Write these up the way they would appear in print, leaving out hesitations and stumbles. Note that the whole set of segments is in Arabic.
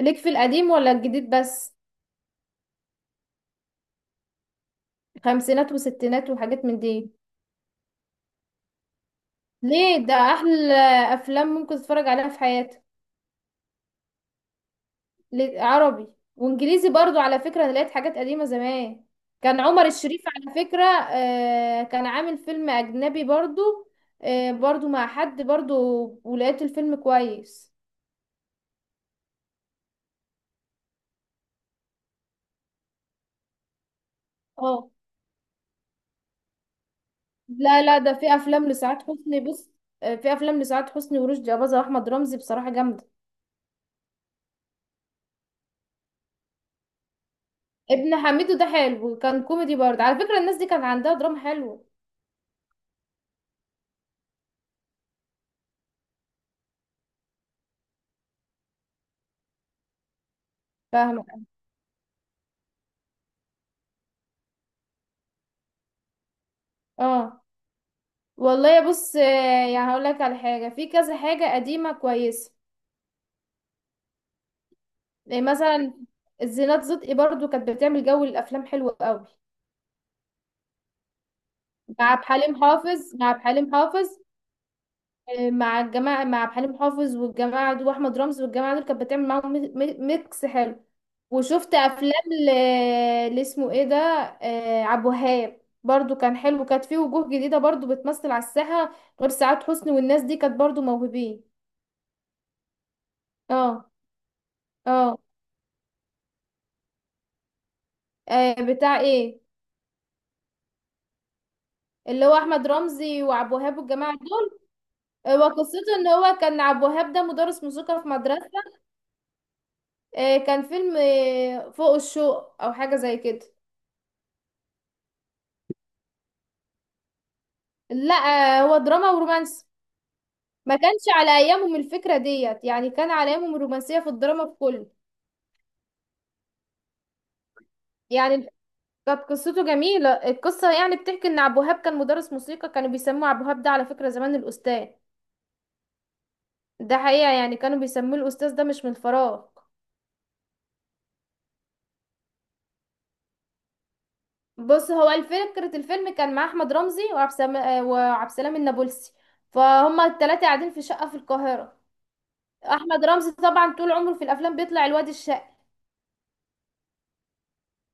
ليك في القديم ولا الجديد بس؟ خمسينات وستينات وحاجات من دي. ليه؟ ده احلى. افلام ممكن تتفرج عليها في حياتك. ليه؟ عربي. وانجليزي برضو على فكرة انا لقيت حاجات قديمة زمان. كان عمر الشريف على فكرة كان عامل فيلم اجنبي برضو. آه، برضو مع حد برضو. ولقيت الفيلم كويس. اه. لا لا، ده في افلام لسعاد حسني، بص. آه، في افلام لسعاد حسني ورشدي اباظة واحمد رمزي بصراحة جامدة. ابن حميدو ده حلو، كان كوميدي برضه، على فكرة الناس دي كان عندها دراما حلوة. فاهمة. اه. والله يا بص، يعني هقول لك على حاجة، في كذا حاجة قديمة كويسة. يعني مثلا الزينات صدقي برضه كانت بتعمل جو الأفلام حلو قوي. مع عبد الحليم حافظ. مع الجماعة، مع عبد الحليم حافظ والجماعة دول وأحمد رمزي والجماعة دول، كانت بتعمل معاهم ميكس حلو. وشفت أفلام اللي اسمه ايه ده. عبد الوهاب برضو كان حلو، كانت فيه وجوه جديدة برضو بتمثل على الساحة غير سعاد حسني، والناس دي كانت برضو موهوبين. اه. اه. بتاع ايه؟ اللي هو أحمد رمزي وعبد الوهاب والجماعة دول. وقصته ان هو كان عبد الوهاب ده مدرس موسيقى في مدرسة. كان فيلم فوق الشوق او حاجة زي كده. لا، هو دراما ورومانس. ما كانش على ايامهم الفكرة ديت، يعني كان على ايامهم الرومانسية في الدراما في كل. يعني كانت قصته جميلة، القصة يعني بتحكي ان عبد الوهاب كان مدرس موسيقى، كانوا بيسموه عبد الوهاب ده على فكرة زمان الأستاذ. ده حقيقة، يعني كانوا بيسموه الأستاذ ده مش من الفراغ. بص، هو الفكرة الفيلم كان مع أحمد رمزي وعبد السلام، وعبد السلام النابلسي فهما التلاتة قاعدين في شقة في القاهرة. أحمد رمزي طبعا طول عمره في الأفلام بيطلع الواد الشقي.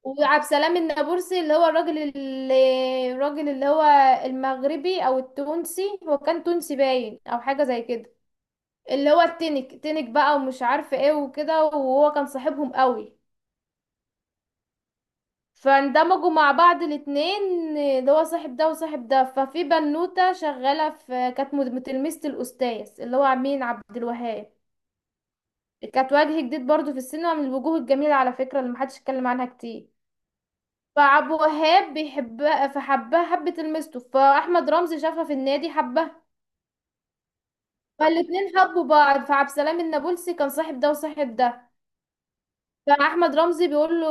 وعبد السلام النابلسي اللي هو الراجل اللي هو المغربي او التونسي، هو كان تونسي باين او حاجه زي كده. اللي هو التنك تنك بقى ومش عارفه ايه وكده، وهو كان صاحبهم قوي. فاندمجوا مع بعض الاتنين اللي هو صاحب ده وصاحب ده. ففي بنوته شغاله في، كانت تلميذه الاستاذ اللي هو مين، عبد الوهاب. كانت وجه جديد برضو في السينما من الوجوه الجميله على فكره، اللي محدش اتكلم عنها كتير. فعبد الوهاب بيحبها، فحبها حبة المستو. فأحمد رمزي شافها في النادي حبها. فالاتنين حبوا بعض. فعبد السلام النابلسي كان صاحب ده وصاحب ده. فأحمد رمزي بيقول له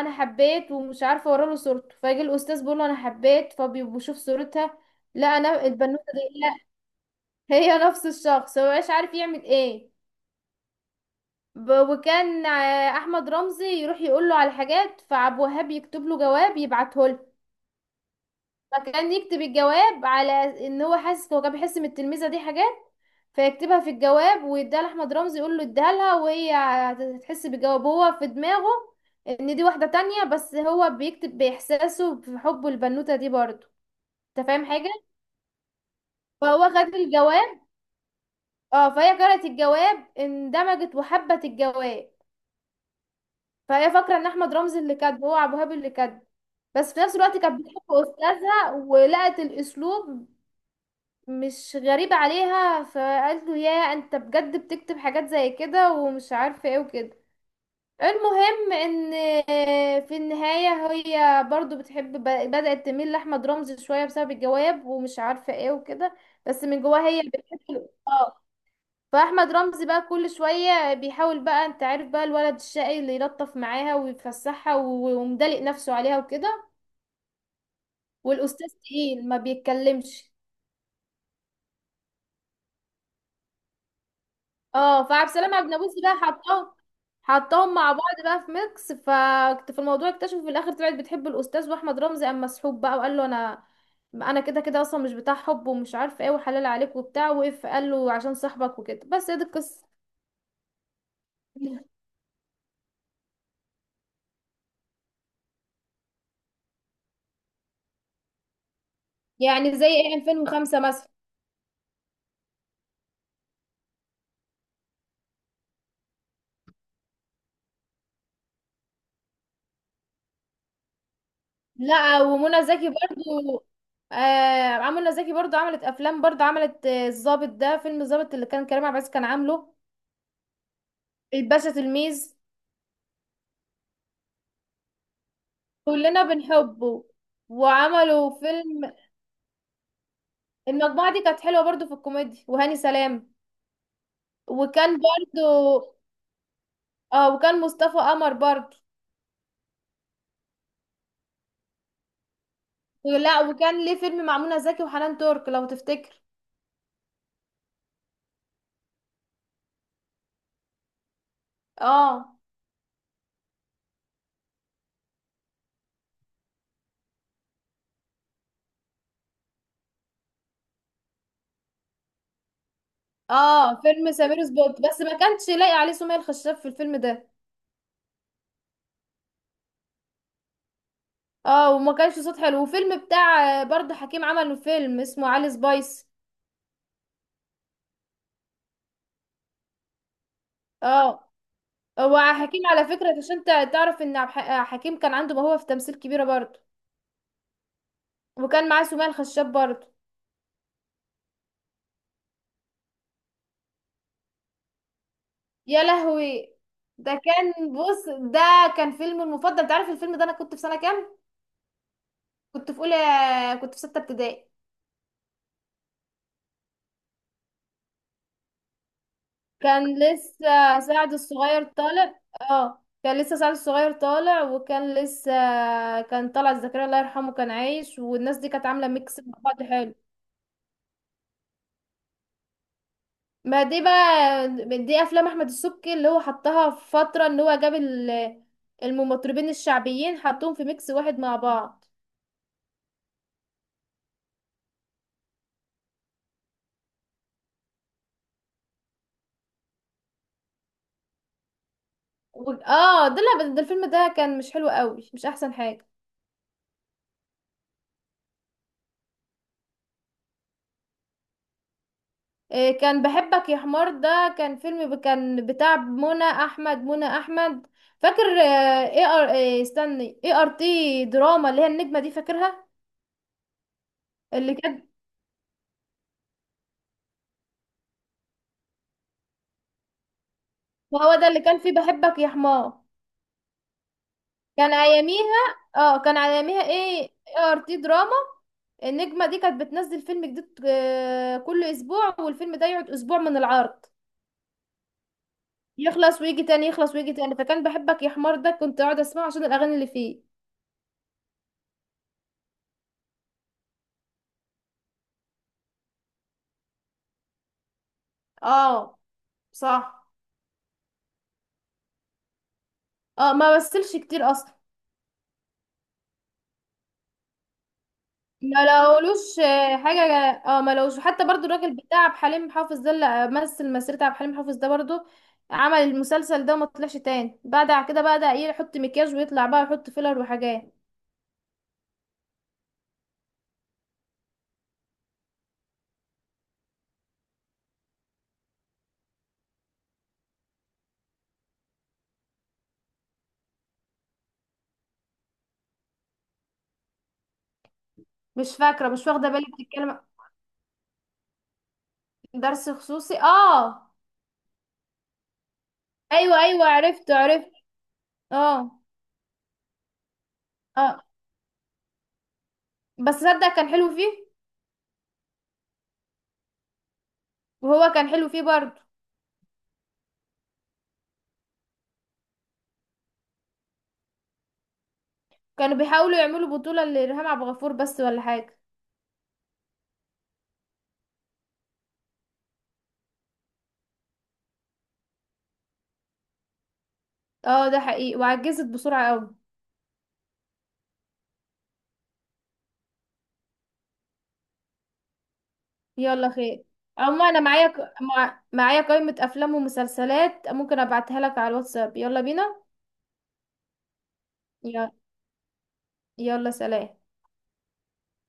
أنا حبيت ومش عارفة، أورا له صورته. فيجي الأستاذ بيقول له أنا حبيت فبيشوف صورتها. لا، أنا البنوتة دي، لا. هي نفس الشخص، هو مش عارف يعمل إيه. وكان أحمد رمزي يروح يقول له على حاجات، فعبد الوهاب يكتب له جواب يبعته. فكان يكتب الجواب على ان هو كان بيحس ان التلميذه دي حاجات، فيكتبها في الجواب ويديها لاحمد رمزي، يقول له اديها لها وهي هتحس بالجواب، هو في دماغه ان دي واحده تانية بس هو بيكتب باحساسه في حبه للبنوته دي برضه. انت فاهم حاجه؟ فهو خد الجواب. اه، فهي قرأت الجواب، اندمجت وحبت الجواب. فهي فاكره ان احمد رمزي اللي كاتبه، هو ابو هاب اللي كاتبه. بس في نفس الوقت كانت بتحب استاذها، ولقت الاسلوب مش غريبة عليها. فقال له يا انت بجد بتكتب حاجات زي كده ومش عارفة ايه وكده. المهم ان في النهاية هي برضو بتحب، بدأت تميل لأحمد رمزي شوية بسبب الجواب ومش عارفة ايه وكده، بس من جواها هي بتحب، اه. فأحمد رمزي بقى كل شوية بيحاول بقى، انت عارف بقى الولد الشقي اللي يلطف معاها ويفسحها ومدلق نفسه عليها وكده. والأستاذ تقيل، ما بيتكلمش. اه، فعبد السلام عجنبوسي بقى حطاهم مع بعض بقى في ميكس. ففي الموضوع اكتشفوا في الاخر طلعت بتحب الاستاذ، واحمد رمزي قام مسحوب بقى وقال له انا، انا كده كده اصلا مش بتاع حب ومش عارف ايه وحلال عليك وبتاع، وقف قال له عشان صاحبك وكده. بس هي دي القصه. يعني زي ايه، 2005 مثلا؟ لا، ومنى زكي برضو. منى زكي برضو عملت افلام، برضو عملت الضابط، ده فيلم الضابط اللي كان كريم عبد العزيز كان عامله. الباشا تلميذ، كلنا بنحبه. وعملوا فيلم، المجموعة دي كانت حلوة برضو في الكوميديا، وهاني سلام. وكان برضو، اه، وكان مصطفى قمر برضو. لا، وكان ليه فيلم مع منى زكي وحنان ترك لو تفتكر. اه. اه. فيلم سمير سبوت، بس ما كانش لاقي عليه سمية الخشاب في الفيلم ده. اه، وما كانش صوت حلو. وفيلم بتاع برضو حكيم، عمله فيلم اسمه علي سبايس. اه. هو حكيم على فكرة عشان تعرف ان حكيم كان عنده موهبة في تمثيل كبيرة برضو. وكان معاه سمية الخشاب برضه. يا لهوي. ده كان فيلم المفضل. انت عارف الفيلم ده انا كنت في سنة كام؟ كنت في اولى، كنت في ستة ابتدائي. كان لسه سعد الصغير طالع، اه، كان لسه سعد الصغير طالع وكان لسه، كان طلعت زكريا الله يرحمه كان عايش، والناس دي كانت عاملة ميكس مع بعض حلو. ما دي بقى، دي افلام احمد السبكي اللي هو حطها في فترة ان هو جاب المطربين الشعبيين، حطهم في ميكس واحد مع بعض. اه، ده لا بس ده الفيلم ده كان مش حلو قوي، مش احسن حاجة. إيه؟ كان بحبك يا حمار ده، كان فيلم كان بتاع منى احمد فاكر، ايه ار تي دراما، اللي هي النجمة دي، فاكرها؟ اللي كان، ما هو ده اللي كان فيه بحبك يا حمار. كان اياميها اه، كان اياميها ايه ار تي دراما. النجمة دي كانت بتنزل فيلم جديد كل اسبوع، والفيلم ده يقعد اسبوع من العرض، يخلص ويجي تاني، يخلص ويجي تاني. فكان بحبك يا حمار ده كنت اقعد اسمعه عشان الاغاني اللي فيه. اه صح. اه، ما مثلش كتير اصلا. ما لقولوش حاجه. اه، ما لقوش حتى برضو الراجل بتاع عبد الحليم حافظ ده اللي مثل مسيرة عبد الحليم حافظ ده برضو، عمل المسلسل ده وما طلعش تاني بعد كده. بقى ايه، يحط مكياج ويطلع بقى، يحط فيلر وحاجات. مش فاكرة، مش واخدة بالي بتتكلم. درس خصوصي، اه. ايوه ايوه، عرفت عرفت. اه. اه، بس صدق كان حلو فيه. وهو كان حلو فيه برضو. كانوا بيحاولوا يعملوا بطولة لإرهام عبد الغفور بس، ولا حاجة. اه، ده حقيقي، وعجزت بسرعة قوي. يلا خير. اما انا معايا معايا قائمة افلام ومسلسلات، ممكن ابعتها لك على الواتساب. يلا بينا. يلا. يلا، سلام.